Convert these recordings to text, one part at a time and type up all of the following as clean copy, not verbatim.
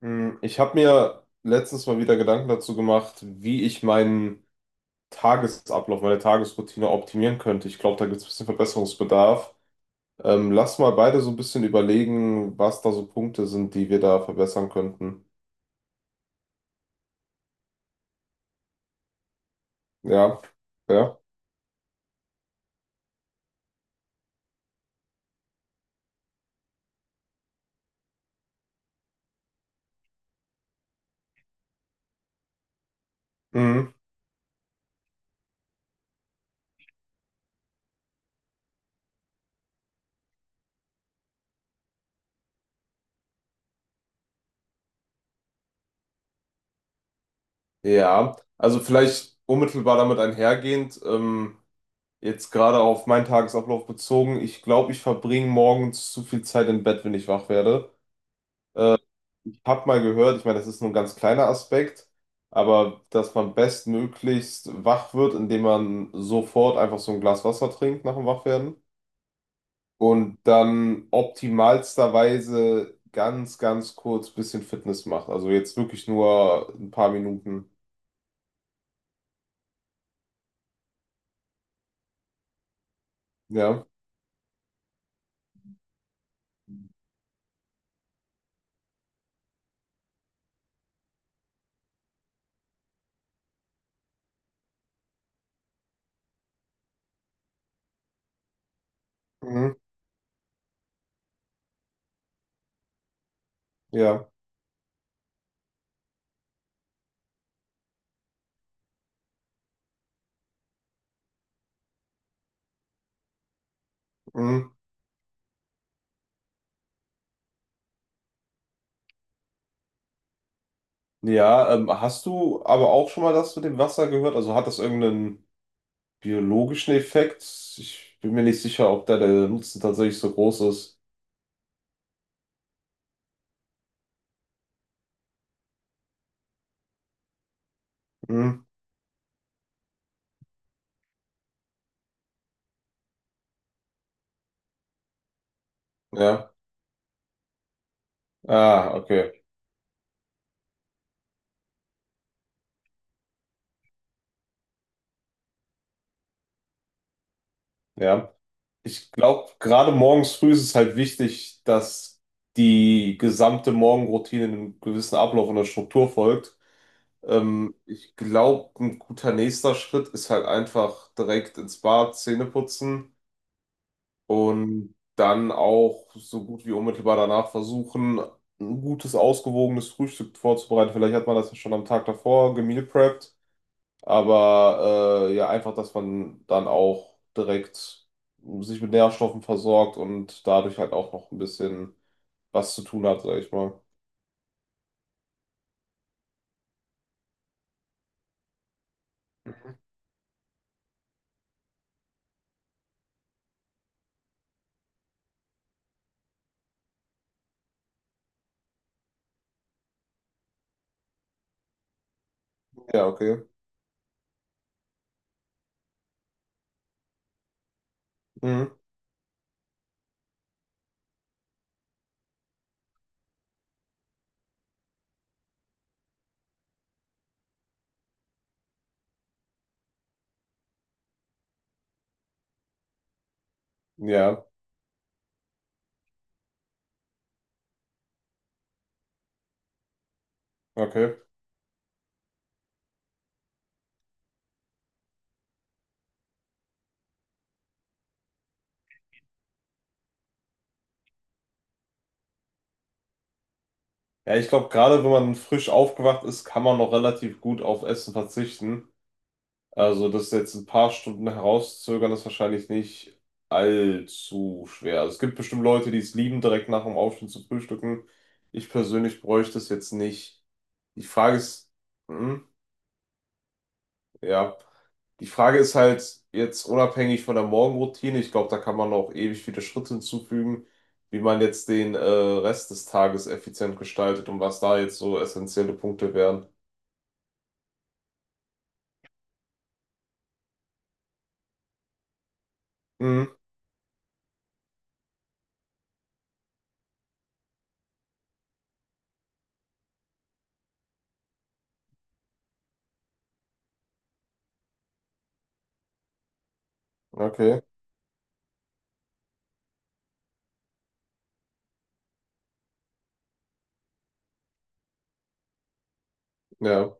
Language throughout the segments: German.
Ich habe mir letztens mal wieder Gedanken dazu gemacht, wie ich meinen Tagesablauf, meine Tagesroutine optimieren könnte. Ich glaube, da gibt es ein bisschen Verbesserungsbedarf. Lass mal beide so ein bisschen überlegen, was da so Punkte sind, die wir da verbessern könnten. Ja, ja. Mhm. Ja, also vielleicht unmittelbar damit einhergehend, jetzt gerade auf meinen Tagesablauf bezogen, ich glaube, ich verbringe morgens zu viel Zeit im Bett, wenn ich wach werde. Hab mal gehört, ich meine, das ist nur ein ganz kleiner Aspekt, aber dass man bestmöglichst wach wird, indem man sofort einfach so ein Glas Wasser trinkt nach dem Wachwerden und dann optimalsterweise ganz, ganz kurz bisschen Fitness macht. Also jetzt wirklich nur ein paar Minuten. Ja. Mhm. Ja. Mhm. Ja, hast du aber auch schon mal das mit dem Wasser gehört? Also hat das irgendeinen biologischen Effekt? Ich bin mir nicht sicher, ob da der Nutzen tatsächlich so groß ist. Mhm. Ja. Ah, okay. Ja. Ich glaube, gerade morgens früh ist es halt wichtig, dass die gesamte Morgenroutine einem gewissen Ablauf und einer Struktur folgt. Ich glaube, ein guter nächster Schritt ist halt einfach direkt ins Bad, Zähne putzen und dann auch so gut wie unmittelbar danach versuchen, ein gutes, ausgewogenes Frühstück vorzubereiten. Vielleicht hat man das ja schon am Tag davor gemeal prepped. Aber ja, einfach, dass man dann auch direkt sich mit Nährstoffen versorgt und dadurch halt auch noch ein bisschen was zu tun hat, sag ich mal. Ja, okay. Mhm. Ja, okay. Ja, ich glaube, gerade wenn man frisch aufgewacht ist, kann man noch relativ gut auf Essen verzichten. Also das jetzt ein paar Stunden herauszögern, ist wahrscheinlich nicht allzu schwer. Also, es gibt bestimmt Leute, die es lieben, direkt nach dem Aufstehen zu frühstücken. Ich persönlich bräuchte es jetzt nicht. Die Frage ist, Mhm. Ja, die Frage ist halt jetzt unabhängig von der Morgenroutine, ich glaube, da kann man auch ewig viele Schritte hinzufügen, wie man jetzt den Rest des Tages effizient gestaltet und was da jetzt so essentielle Punkte wären. Mhm, okay, ja,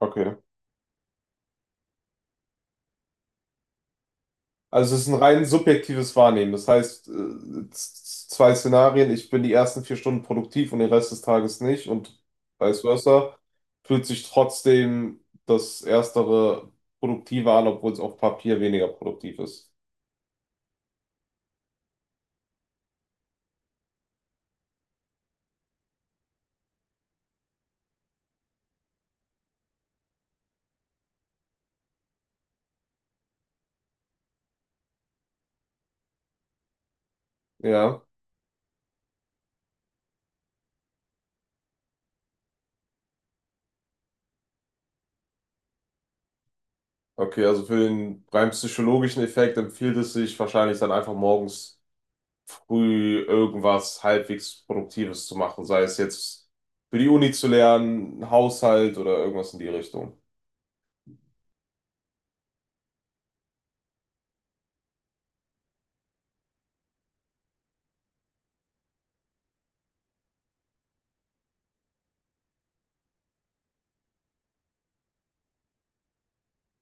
okay. Also es ist ein rein subjektives Wahrnehmen. Das heißt, zwei Szenarien, ich bin die ersten 4 Stunden produktiv und den Rest des Tages nicht und vice versa, fühlt sich trotzdem das Erstere produktiver an, obwohl es auf Papier weniger produktiv ist. Ja, okay, also für den rein psychologischen Effekt empfiehlt es sich wahrscheinlich dann einfach morgens früh irgendwas halbwegs Produktives zu machen, sei es jetzt für die Uni zu lernen, Haushalt oder irgendwas in die Richtung.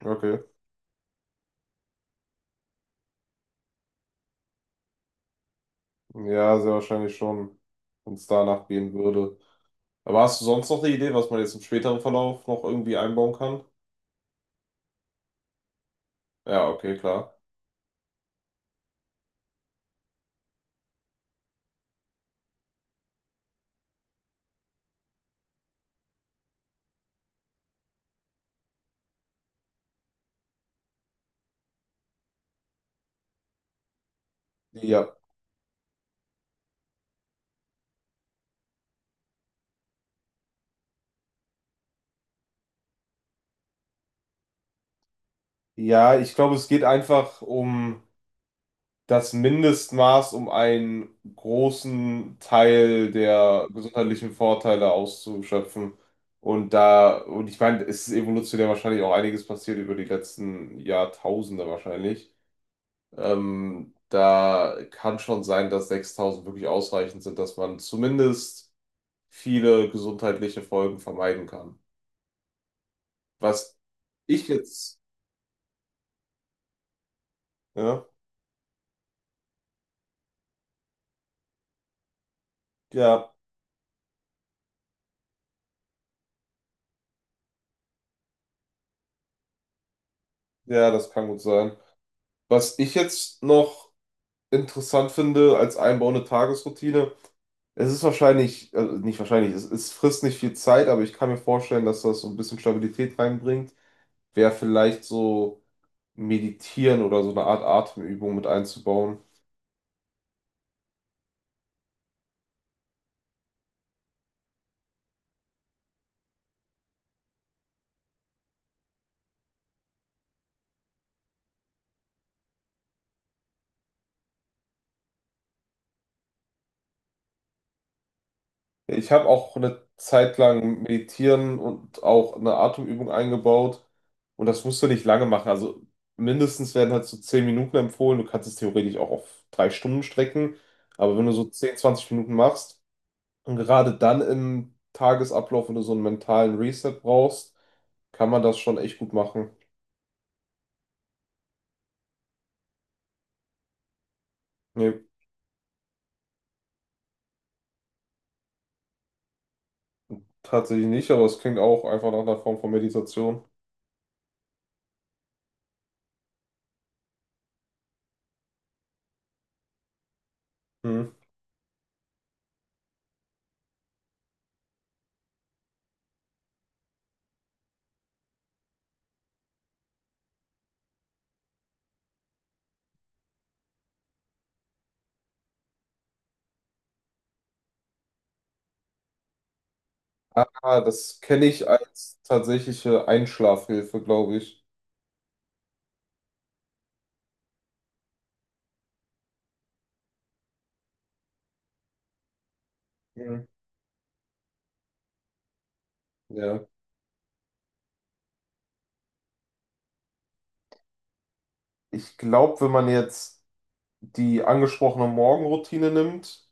Okay, ja, sehr wahrscheinlich schon, wenn es danach gehen würde. Aber hast du sonst noch eine Idee, was man jetzt im späteren Verlauf noch irgendwie einbauen kann? Ja, okay, klar. Ja, ja, ich glaube, es geht einfach um das Mindestmaß, um einen großen Teil der gesundheitlichen Vorteile auszuschöpfen. Und da, und ich meine, es ist evolutionär wahrscheinlich auch einiges passiert über die letzten Jahrtausende wahrscheinlich. Da kann schon sein, dass 6000 wirklich ausreichend sind, dass man zumindest viele gesundheitliche Folgen vermeiden kann. Was ich jetzt, ja, ja, ja, das kann gut sein. Was ich jetzt noch interessant finde als einbauende Tagesroutine. Es ist wahrscheinlich, nicht wahrscheinlich, es frisst nicht viel Zeit, aber ich kann mir vorstellen, dass das so ein bisschen Stabilität reinbringt. Wäre vielleicht so meditieren oder so eine Art Atemübung mit einzubauen. Ich habe auch eine Zeit lang meditieren und auch eine Atemübung eingebaut. Und das musst du nicht lange machen. Also mindestens werden halt so 10 Minuten empfohlen. Du kannst es theoretisch auch auf 3 Stunden strecken. Aber wenn du so 10, 20 Minuten machst, und gerade dann im Tagesablauf, wenn du so einen mentalen Reset brauchst, kann man das schon echt gut machen. Nee, tatsächlich nicht, aber es klingt auch einfach nach einer Form von Meditation. Hm. Ah, das kenne ich als tatsächliche Einschlafhilfe, glaube ich. Mhm. Ja. Ich glaube, wenn man jetzt die angesprochene Morgenroutine nimmt,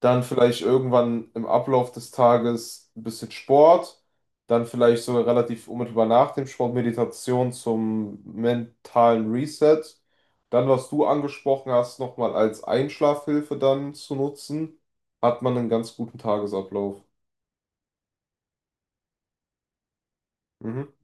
dann vielleicht irgendwann im Ablauf des Tages ein bisschen Sport, dann vielleicht sogar relativ unmittelbar nach dem Sport Meditation zum mentalen Reset, dann was du angesprochen hast, nochmal als Einschlafhilfe dann zu nutzen, hat man einen ganz guten Tagesablauf. Mhm.